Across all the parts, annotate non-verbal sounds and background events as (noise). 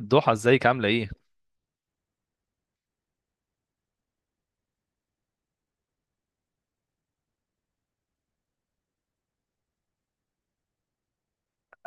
ضحى، ازيك؟ عامله ايه؟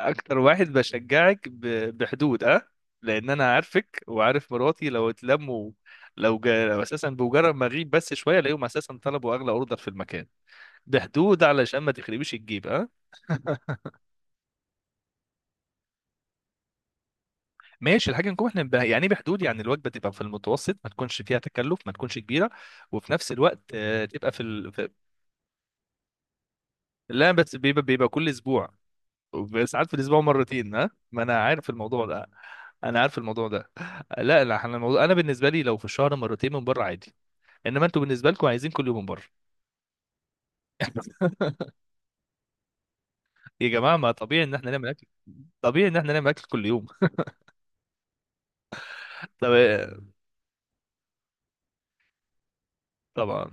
اكتر واحد بشجعك بحدود، اه. لان انا عارفك وعارف مراتي لو اتلموا، لو اساسا بمجرد ما اغيب بس شويه الاقيهم اساسا طلبوا اغلى اوردر في المكان. بحدود علشان ما تخربيش الجيب، اه. (laughs) ماشي، الحاجه نكون احنا يعني ايه بحدود، يعني الوجبه تبقى في المتوسط، ما تكونش فيها تكلف، ما تكونش كبيره، وفي نفس الوقت تبقى لا بس بيبقى كل اسبوع. ساعات في الاسبوع مرتين، ها، ما انا عارف الموضوع ده. انا عارف الموضوع ده. لا لا، احنا الموضوع انا بالنسبه لي لو في الشهر مرتين من بره عادي، انما انتوا بالنسبه لكم عايزين كل يوم من بره. (laughs) يا جماعه، ما طبيعي ان احنا نعمل اكل. طبيعي ان احنا نعمل اكل كل يوم. طب- طبعا.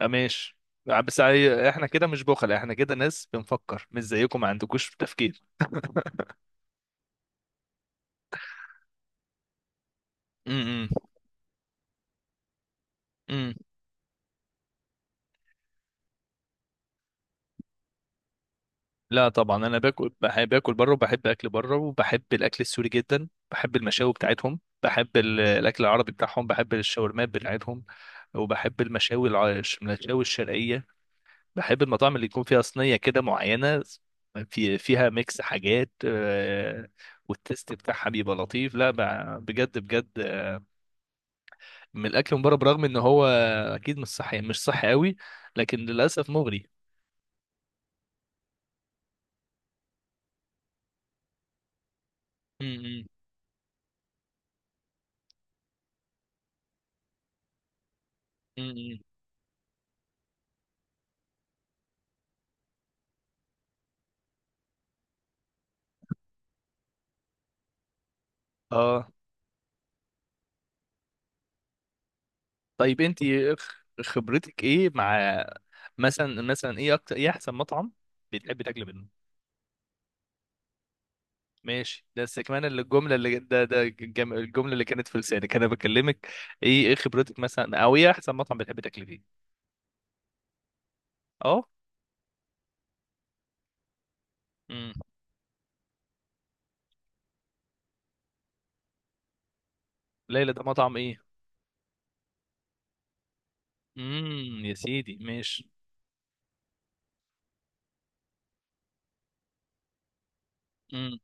آه، ماشي. آه، بس احنا كده مش بخل، احنا كده ناس بنفكر، مش زيكم ما عندكوش تفكير. امم. لا طبعا، انا بحب باكل بره، وبحب اكل بره، وبحب الاكل السوري جدا. بحب المشاوي بتاعتهم، بحب الاكل العربي بتاعهم، بحب الشاورمات بتاعتهم، وبحب المشاوي المشاوي الشرقيه. بحب المطاعم اللي يكون فيها صينيه كده معينه، فيها ميكس حاجات، آه، والتست بتاعها بيبقى لطيف. لا بجد بجد، آه، من الاكل من بره، برغم ان هو اكيد مش صحي، مش صحي قوي، لكن للاسف مغري. م- م- م- م. اه. طيب، انت خبرتك ايه مع، مثلا، ايه اكتر، ايه احسن مطعم بتحبي تاكلي منه؟ ماشي، بس كمان الجمله اللي ده الجمله اللي كانت في لسانك انا بكلمك. ايه خبرتك مثلا، او ايه احسن مطعم بتحبي تاكلي فيه؟ اه. امم. ليلى ده مطعم ايه؟ امم، يا سيدي ماشي. امم،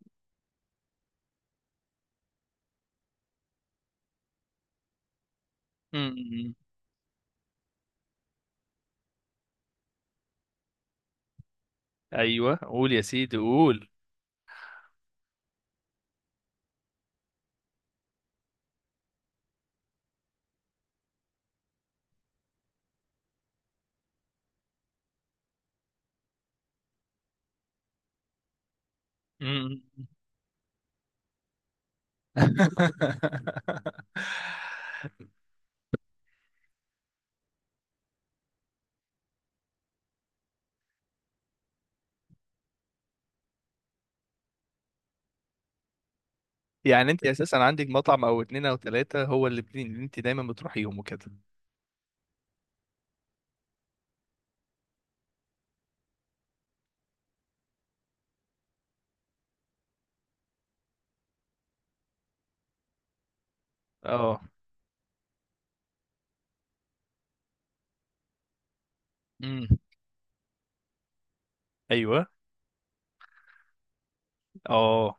امم. ايوه، قول يا سيدي، قول. امم. (laughs) يعني انت اساسا عندك مطعم او اتنين او تلاتة هو اللي اللي انت دايما بتروحيهم وكده؟ اه. امم. ايوه. اه،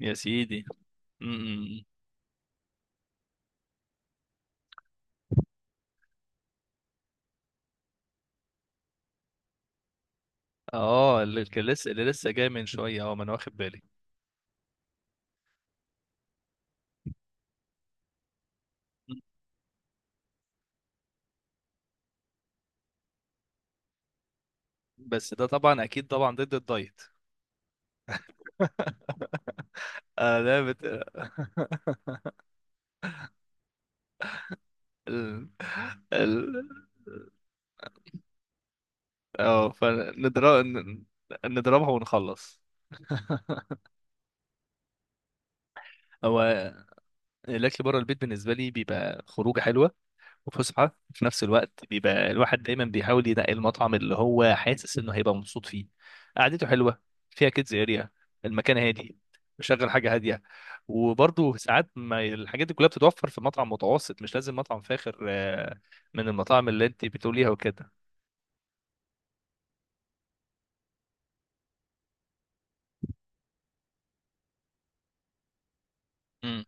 يا سيدي. امم، اه، اللي لسه جاي من شويه، اه، ما انا واخد بالي. مم. بس ده طبعا اكيد طبعا ضد الدايت. (laughs) آه، (laughs) ال... ال... اه، فنضرب. نضربها ونخلص. (laughs) هو الاكل بره البيت بالنسبه لي بيبقى خروجه حلوه، وفسحه، في نفس الوقت بيبقى الواحد دايما بيحاول ينقي المطعم اللي هو حاسس انه هيبقى مبسوط فيه. قعدته حلوه، فيها كيدز اريا، المكان هادي، مشغل حاجه هاديه. وبرضه ساعات ما الحاجات دي كلها بتتوفر في مطعم متوسط، مش لازم مطعم فاخر، آه، من المطاعم اللي انت بتقوليها وكده. امم.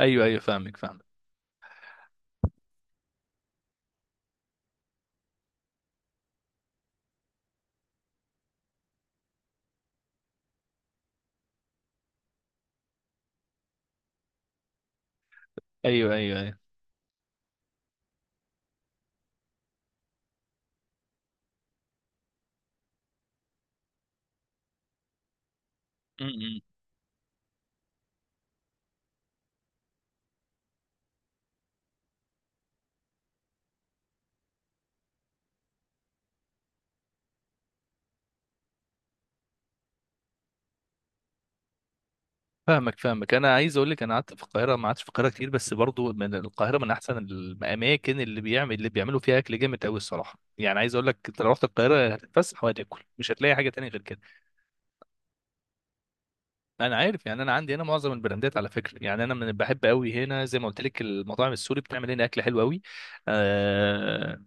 ايوه، ايوه، فاهمك، فاهمك. ايوه، ايوه، ايوه، فاهمك، فاهمك. انا عايز اقول لك، انا قعدت في القاهره، ما قعدتش في القاهره كتير، بس برضو من القاهره، من احسن الاماكن اللي بيعمل، اللي بيعملوا فيها اكل جامد قوي الصراحه. يعني عايز اقول لك، انت لو رحت القاهره هتتفسح وهتاكل، مش هتلاقي حاجه تانية غير كده. انا عارف، يعني انا عندي هنا معظم البراندات على فكره، يعني انا من بحب قوي هنا، زي ما قلت لك، المطاعم السوري بتعمل هنا اكل حلو قوي. أه.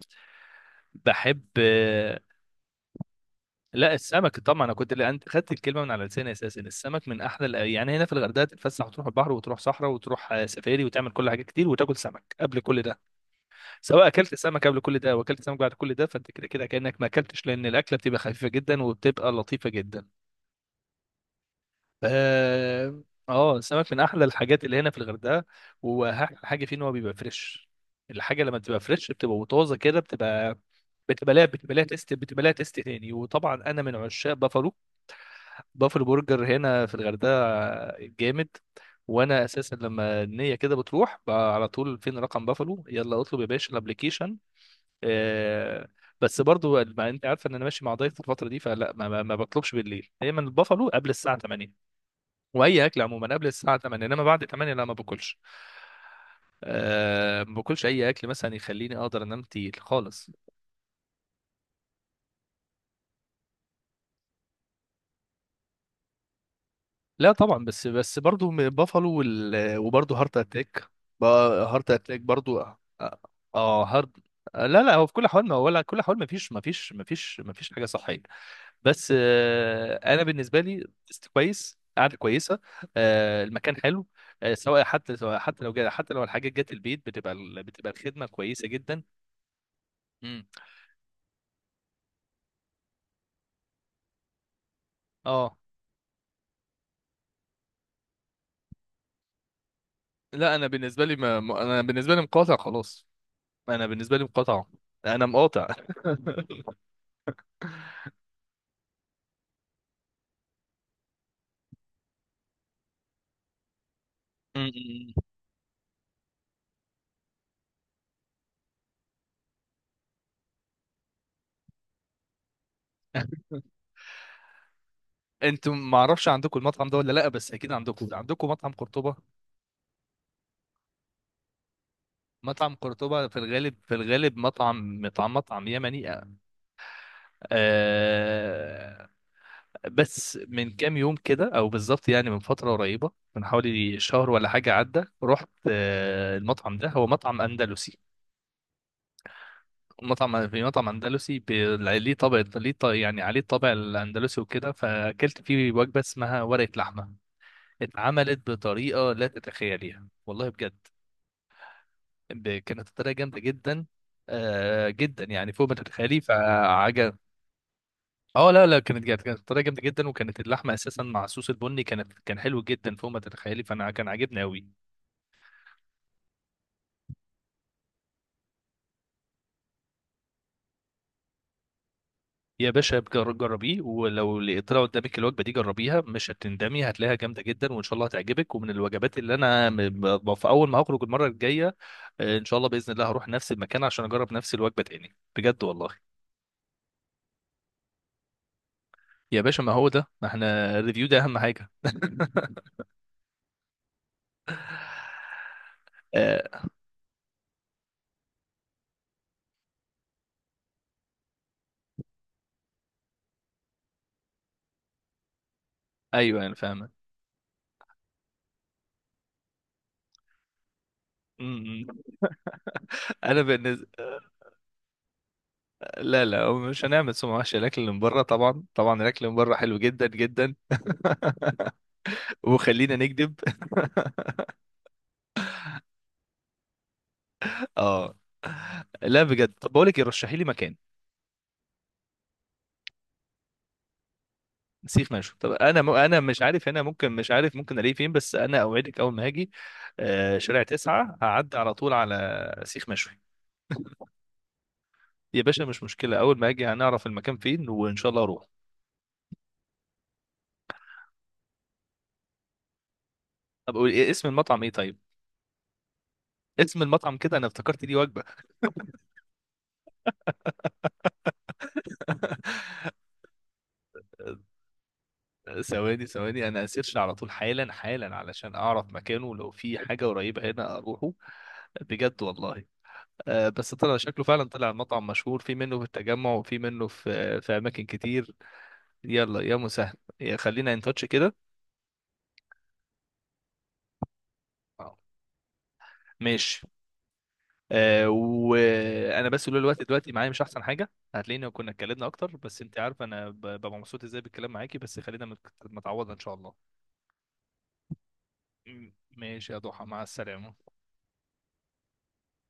بحب. لا، السمك طبعا، انا كنت، انت خدت الكلمه من على لساني اساسا. السمك من احلى يعني هنا في الغردقه تتفسح، وتروح البحر، وتروح صحراء، وتروح، آه، سفاري، وتعمل كل حاجه كتير، وتاكل سمك قبل كل ده. سواء اكلت سمك قبل كل ده واكلت سمك بعد كل ده، فانت كده كده كانك ما اكلتش، لان الاكله بتبقى خفيفه جدا وبتبقى لطيفه جدا. اه. السمك من احلى الحاجات اللي هنا في الغردقه. واحلى حاجه فيه ان هو بيبقى فريش. الحاجه لما بتبقى فريش بتبقى وطازه كده، بتبقى، بتبقى لها تيست، بتبقى لها تيست تاني. وطبعا انا من عشاق بافالو. بافلو برجر هنا في الغردقه جامد. وانا اساسا لما النيه كده بتروح بقى على طول، فين رقم بافلو، يلا اطلب يا باشا الابليكيشن. آه. بس برضو ما انت عارفه ان انا ماشي مع ضيف الفتره دي، فلا ما بطلبش بالليل، دايما البافلو قبل الساعه 8، واي اكل عموما قبل الساعه 8، انما بعد 8 لا، ما باكلش. ما باكلش اي اكل مثلا يخليني اقدر انام تقيل خالص. لا طبعا، بس، برضه بافالو وبرضه هارت اتاك. بقى- هارت اتاك برضه. اه، هارد. لا لا، هو في كل حال ما، ولا كل حال، ما فيش، حاجه صحيه. بس، آه، انا بالنسبه لي كويس، قعده كويسه. آه، المكان حلو. آه، سواء، حتى لو جا، حتى لو الحاجات جت البيت، بتبقى بتبقى الخدمه كويسه جدا. امم. اه. لا، انا بالنسبه لي انا بالنسبه لي مقاطع خلاص. انا بالنسبه لي مقاطع. انا مقاطع. (laughs) مم. انتوا ما اعرفش عندكم المطعم ده ولا لا، بس اكيد عندكم، مطعم قرطبة. مطعم قرطبة في الغالب، مطعم، مطعم يمني. آه. بس من كام يوم كده، او بالظبط يعني من فترة قريبة، من حوالي شهر ولا حاجة عدى، رحت، آه، المطعم ده هو مطعم اندلسي. في مطعم اندلسي، ليه طابع، يعني عليه الطابع الاندلسي وكده، فاكلت فيه وجبة اسمها ورقة لحمة. اتعملت بطريقة لا تتخيليها والله بجد. كانت الطريقه جامده جدا، آه، جدا، يعني فوق ما تتخيلي، فعجب. اه، لا لا، كانت جامده، كانت الطريقه جامده جدا، وكانت اللحمه اساسا مع الصوص البني، كانت، كان حلو جدا فوق ما تتخيلي، فانا كان عاجبني قوي. يا باشا، جربيه، ولو لقيت طلع قدامك الوجبه دي، جربيها، مش هتندمي، هتلاقيها جامده جدا، وان شاء الله هتعجبك، ومن الوجبات اللي انا في اول ما هخرج المره الجايه، آه، ان شاء الله باذن الله هروح نفس المكان عشان اجرب نفس الوجبه تاني، بجد والله. يا باشا، ما هو ده، ما احنا الريفيو ده اهم حاجه. (laughs) آه، ايوه انا فاهم. أمم. انا بالنسبه. لا لا، هو مش هنعمل سمعة وحشه الاكل اللي من بره، طبعا، طبعا الاكل اللي من بره حلو جدا جدا. (laughs) وخلينا نكذب. (laughs) اه. لا بجد، طب بقول لك إيه، رشحي لي مكان. سيخ مشوي. طب انا انا مش عارف هنا، ممكن مش عارف ممكن الاقيه فين، بس انا اوعدك اول ما هاجي، آه، شارع تسعة هعدي على طول على سيخ مشوي. يا باشا مش مشكله، اول ما اجي هنعرف المكان فين وان شاء الله اروح. طب إيه اسم المطعم، ايه طيب. اسم المطعم كده انا افتكرت ليه وجبه. (laughs) ثواني، ثواني، انا هسيرش على طول حالا حالا علشان اعرف مكانه، لو في حاجه قريبه هنا اروحه، بجد والله. آه، بس طلع شكله فعلا، طلع مطعم مشهور، في منه في التجمع وفي منه في في اماكن كتير. يلا يا مسهل، يا خلينا ان تاتش كده. آه. ماشي. آه، وانا بس، لولا الوقت دلوقتي معايا مش احسن حاجه، هتلاقينا كنا اتكلمنا اكتر، بس انت عارفه انا ببقى مبسوط ازاي بالكلام معاكي، بس خلينا متعوضه ان شاء الله. ماشي يا ضحى، مع السلامه.